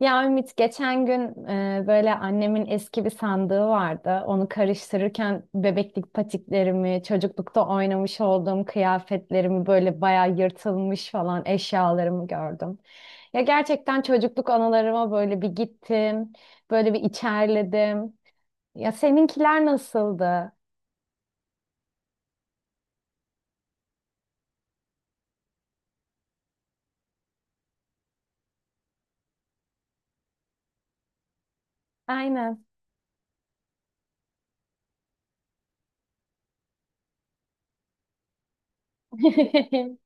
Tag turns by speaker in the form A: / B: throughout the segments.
A: Ya Ümit geçen gün böyle annemin eski bir sandığı vardı. Onu karıştırırken bebeklik patiklerimi, çocuklukta oynamış olduğum kıyafetlerimi böyle bayağı yırtılmış falan eşyalarımı gördüm. Ya gerçekten çocukluk anılarıma böyle bir gittim, böyle bir içerledim. Ya seninkiler nasıldı? Aynen.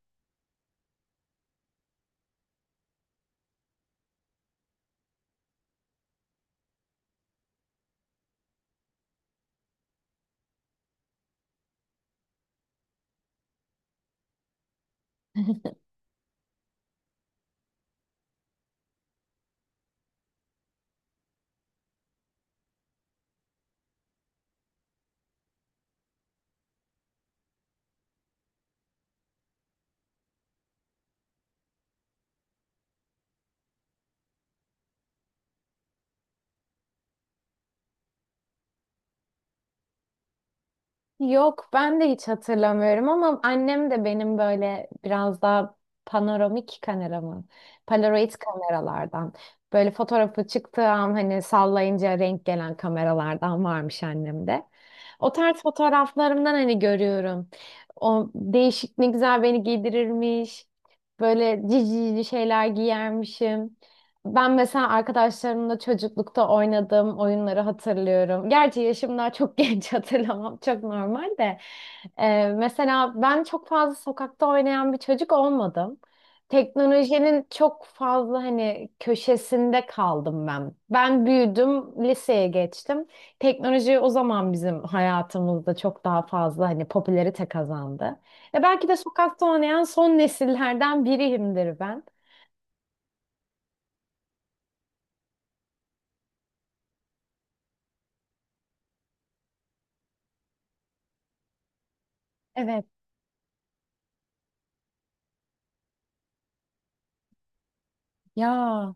A: Yok, ben de hiç hatırlamıyorum ama annem de benim böyle biraz daha panoramik kamera mı? Polaroid kameralardan. Böyle fotoğrafı çıktığı an hani sallayınca renk gelen kameralardan varmış annemde. O tarz fotoğraflarımdan hani görüyorum. O değişik ne güzel beni giydirirmiş. Böyle cici cici şeyler giyermişim. Ben mesela arkadaşlarımla çocuklukta oynadığım oyunları hatırlıyorum. Gerçi yaşım daha çok genç, hatırlamam çok normal de. Mesela ben çok fazla sokakta oynayan bir çocuk olmadım. Teknolojinin çok fazla hani köşesinde kaldım ben. Ben büyüdüm, liseye geçtim. Teknoloji o zaman bizim hayatımızda çok daha fazla hani popülerite kazandı. E, belki de sokakta oynayan son nesillerden biriyimdir ben. Evet. Ya.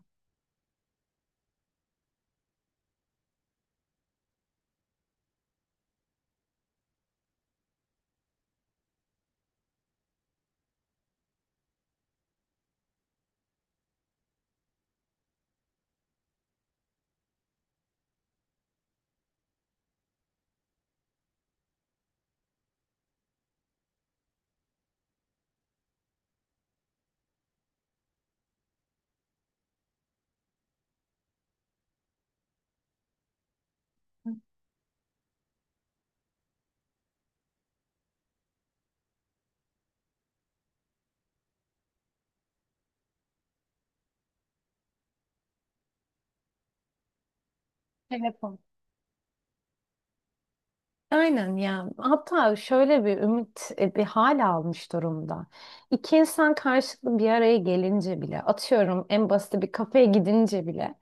A: Telefon. Aynen ya. Hatta şöyle bir ümit bir hal almış durumda. İki insan karşılıklı bir araya gelince bile, atıyorum en basit bir kafeye gidince bile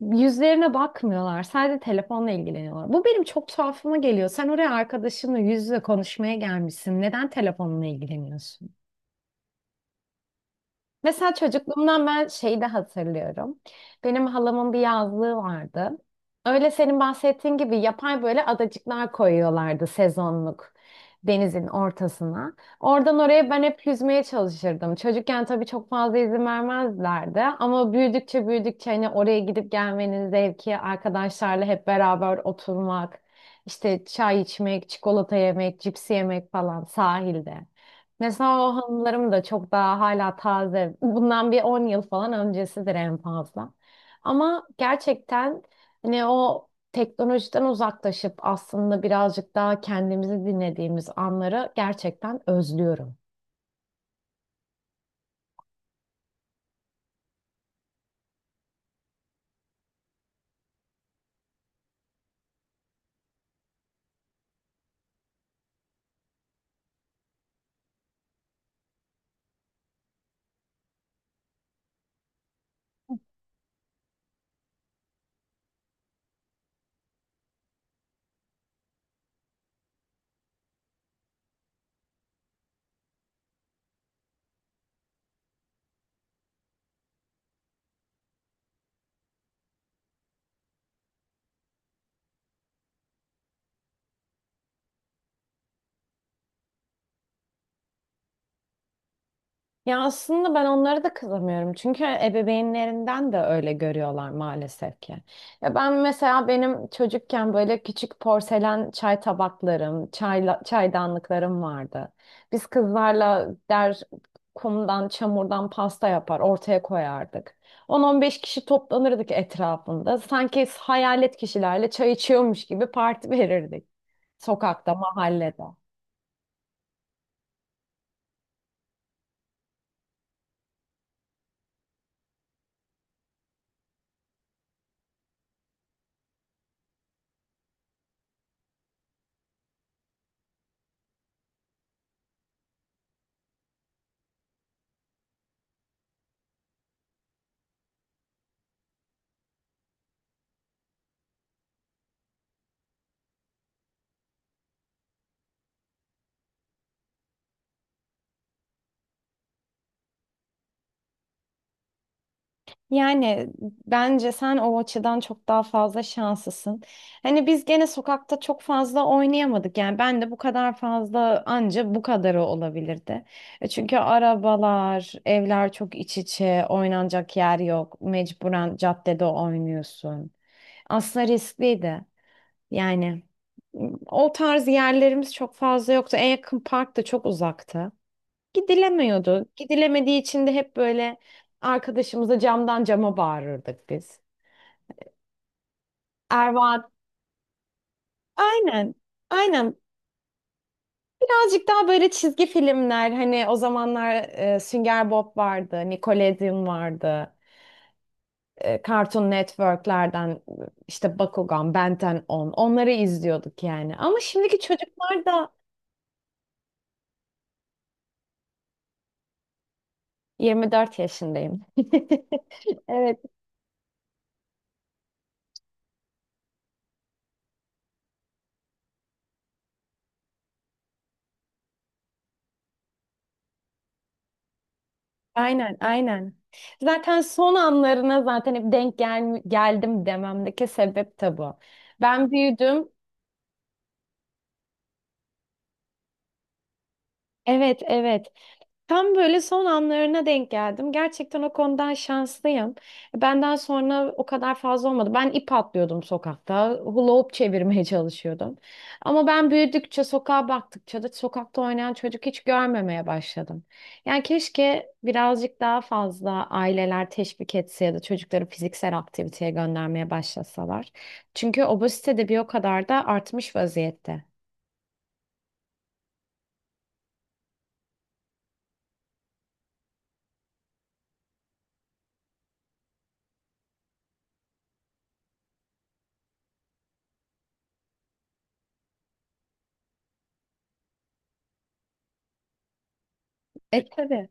A: yüzlerine bakmıyorlar. Sadece telefonla ilgileniyorlar. Bu benim çok tuhafıma geliyor. Sen oraya arkadaşınla yüz yüze konuşmaya gelmişsin. Neden telefonla ilgileniyorsun? Mesela çocukluğumdan ben şeyi de hatırlıyorum. Benim halamın bir yazlığı vardı. Öyle senin bahsettiğin gibi yapay böyle adacıklar koyuyorlardı sezonluk denizin ortasına. Oradan oraya ben hep yüzmeye çalışırdım. Çocukken tabii çok fazla izin vermezlerdi ama büyüdükçe büyüdükçe hani oraya gidip gelmenin zevki, arkadaşlarla hep beraber oturmak, işte çay içmek, çikolata yemek, cipsi yemek falan sahilde. Mesela o hanımlarım da çok daha hala taze. Bundan bir 10 yıl falan öncesidir en fazla. Ama gerçekten hani o teknolojiden uzaklaşıp aslında birazcık daha kendimizi dinlediğimiz anları gerçekten özlüyorum. Ya aslında ben onlara da kızamıyorum, çünkü ebeveynlerinden de öyle görüyorlar maalesef ki. Ya ben mesela benim çocukken böyle küçük porselen çay tabaklarım, çayla, çaydanlıklarım vardı. Biz kızlarla der kumdan, çamurdan pasta yapar, ortaya koyardık. 10-15 kişi toplanırdık etrafında. Sanki hayalet kişilerle çay içiyormuş gibi parti verirdik. Sokakta, mahallede. Yani bence sen o açıdan çok daha fazla şanslısın. Hani biz gene sokakta çok fazla oynayamadık. Yani ben de bu kadar fazla anca bu kadarı olabilirdi. E, çünkü arabalar, evler çok iç içe, oynanacak yer yok. Mecburen caddede oynuyorsun. Aslında riskliydi. Yani o tarz yerlerimiz çok fazla yoktu. En yakın park da çok uzaktı. Gidilemiyordu. Gidilemediği için de hep böyle arkadaşımıza camdan cama bağırırdık biz. Erva aynen. Aynen. Birazcık daha böyle çizgi filmler hani o zamanlar Sünger Bob vardı, Nickelodeon vardı. Cartoon Network'lerden işte Bakugan, Ben on onları izliyorduk yani. Ama şimdiki çocuklar da 24 yaşındayım. Evet. Aynen, aynen. Zaten son anlarına zaten hep denk geldim dememdeki sebep de bu. Ben büyüdüm. Evet, evet. Tam böyle son anlarına denk geldim. Gerçekten o konudan şanslıyım. Benden sonra o kadar fazla olmadı. Ben ip atlıyordum sokakta. Hula hoop çevirmeye çalışıyordum. Ama ben büyüdükçe, sokağa baktıkça da sokakta oynayan çocuk hiç görmemeye başladım. Yani keşke birazcık daha fazla aileler teşvik etse ya da çocukları fiziksel aktiviteye göndermeye başlasalar. Çünkü obezite de bir o kadar da artmış vaziyette. E, tabii.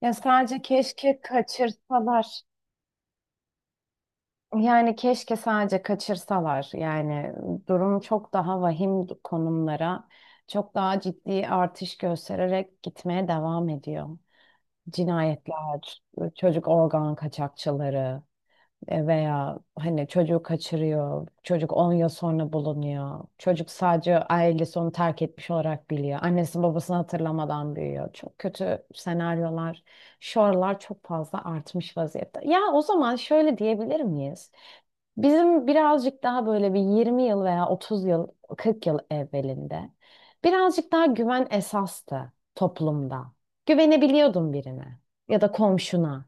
A: Ya sadece keşke kaçırsalar. Yani keşke sadece kaçırsalar. Yani durum çok daha vahim konumlara, çok daha ciddi artış göstererek gitmeye devam ediyor. Cinayetler, çocuk organ kaçakçıları. E, veya hani çocuğu kaçırıyor, çocuk 10 yıl sonra bulunuyor. Çocuk sadece ailesi onu terk etmiş olarak biliyor. Annesi babasını hatırlamadan büyüyor. Çok kötü senaryolar, şu aralar çok fazla artmış vaziyette. Ya o zaman şöyle diyebilir miyiz? Bizim birazcık daha böyle bir 20 yıl veya 30 yıl, 40 yıl evvelinde birazcık daha güven esastı toplumda. Güvenebiliyordun birine ya da komşuna.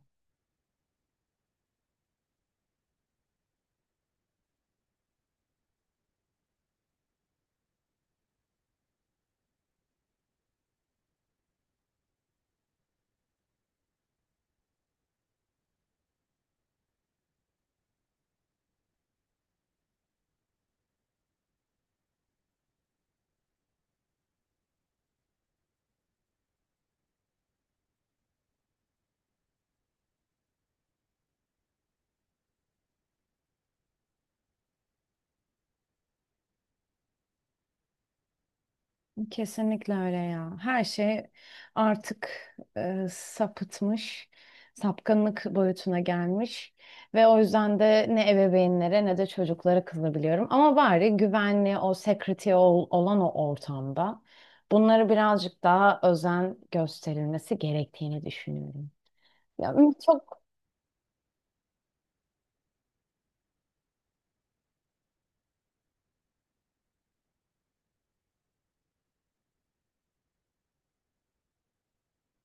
A: Kesinlikle öyle ya. Her şey artık sapıtmış, sapkınlık boyutuna gelmiş ve o yüzden de ne ebeveynlere ne de çocuklara kızabiliyorum. Ama bari güvenli o security olan o ortamda bunları birazcık daha özen gösterilmesi gerektiğini düşünüyorum. Ya, çok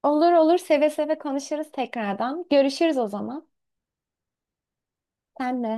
A: olur olur, seve seve konuşuruz tekrardan. Görüşürüz o zaman. Senle.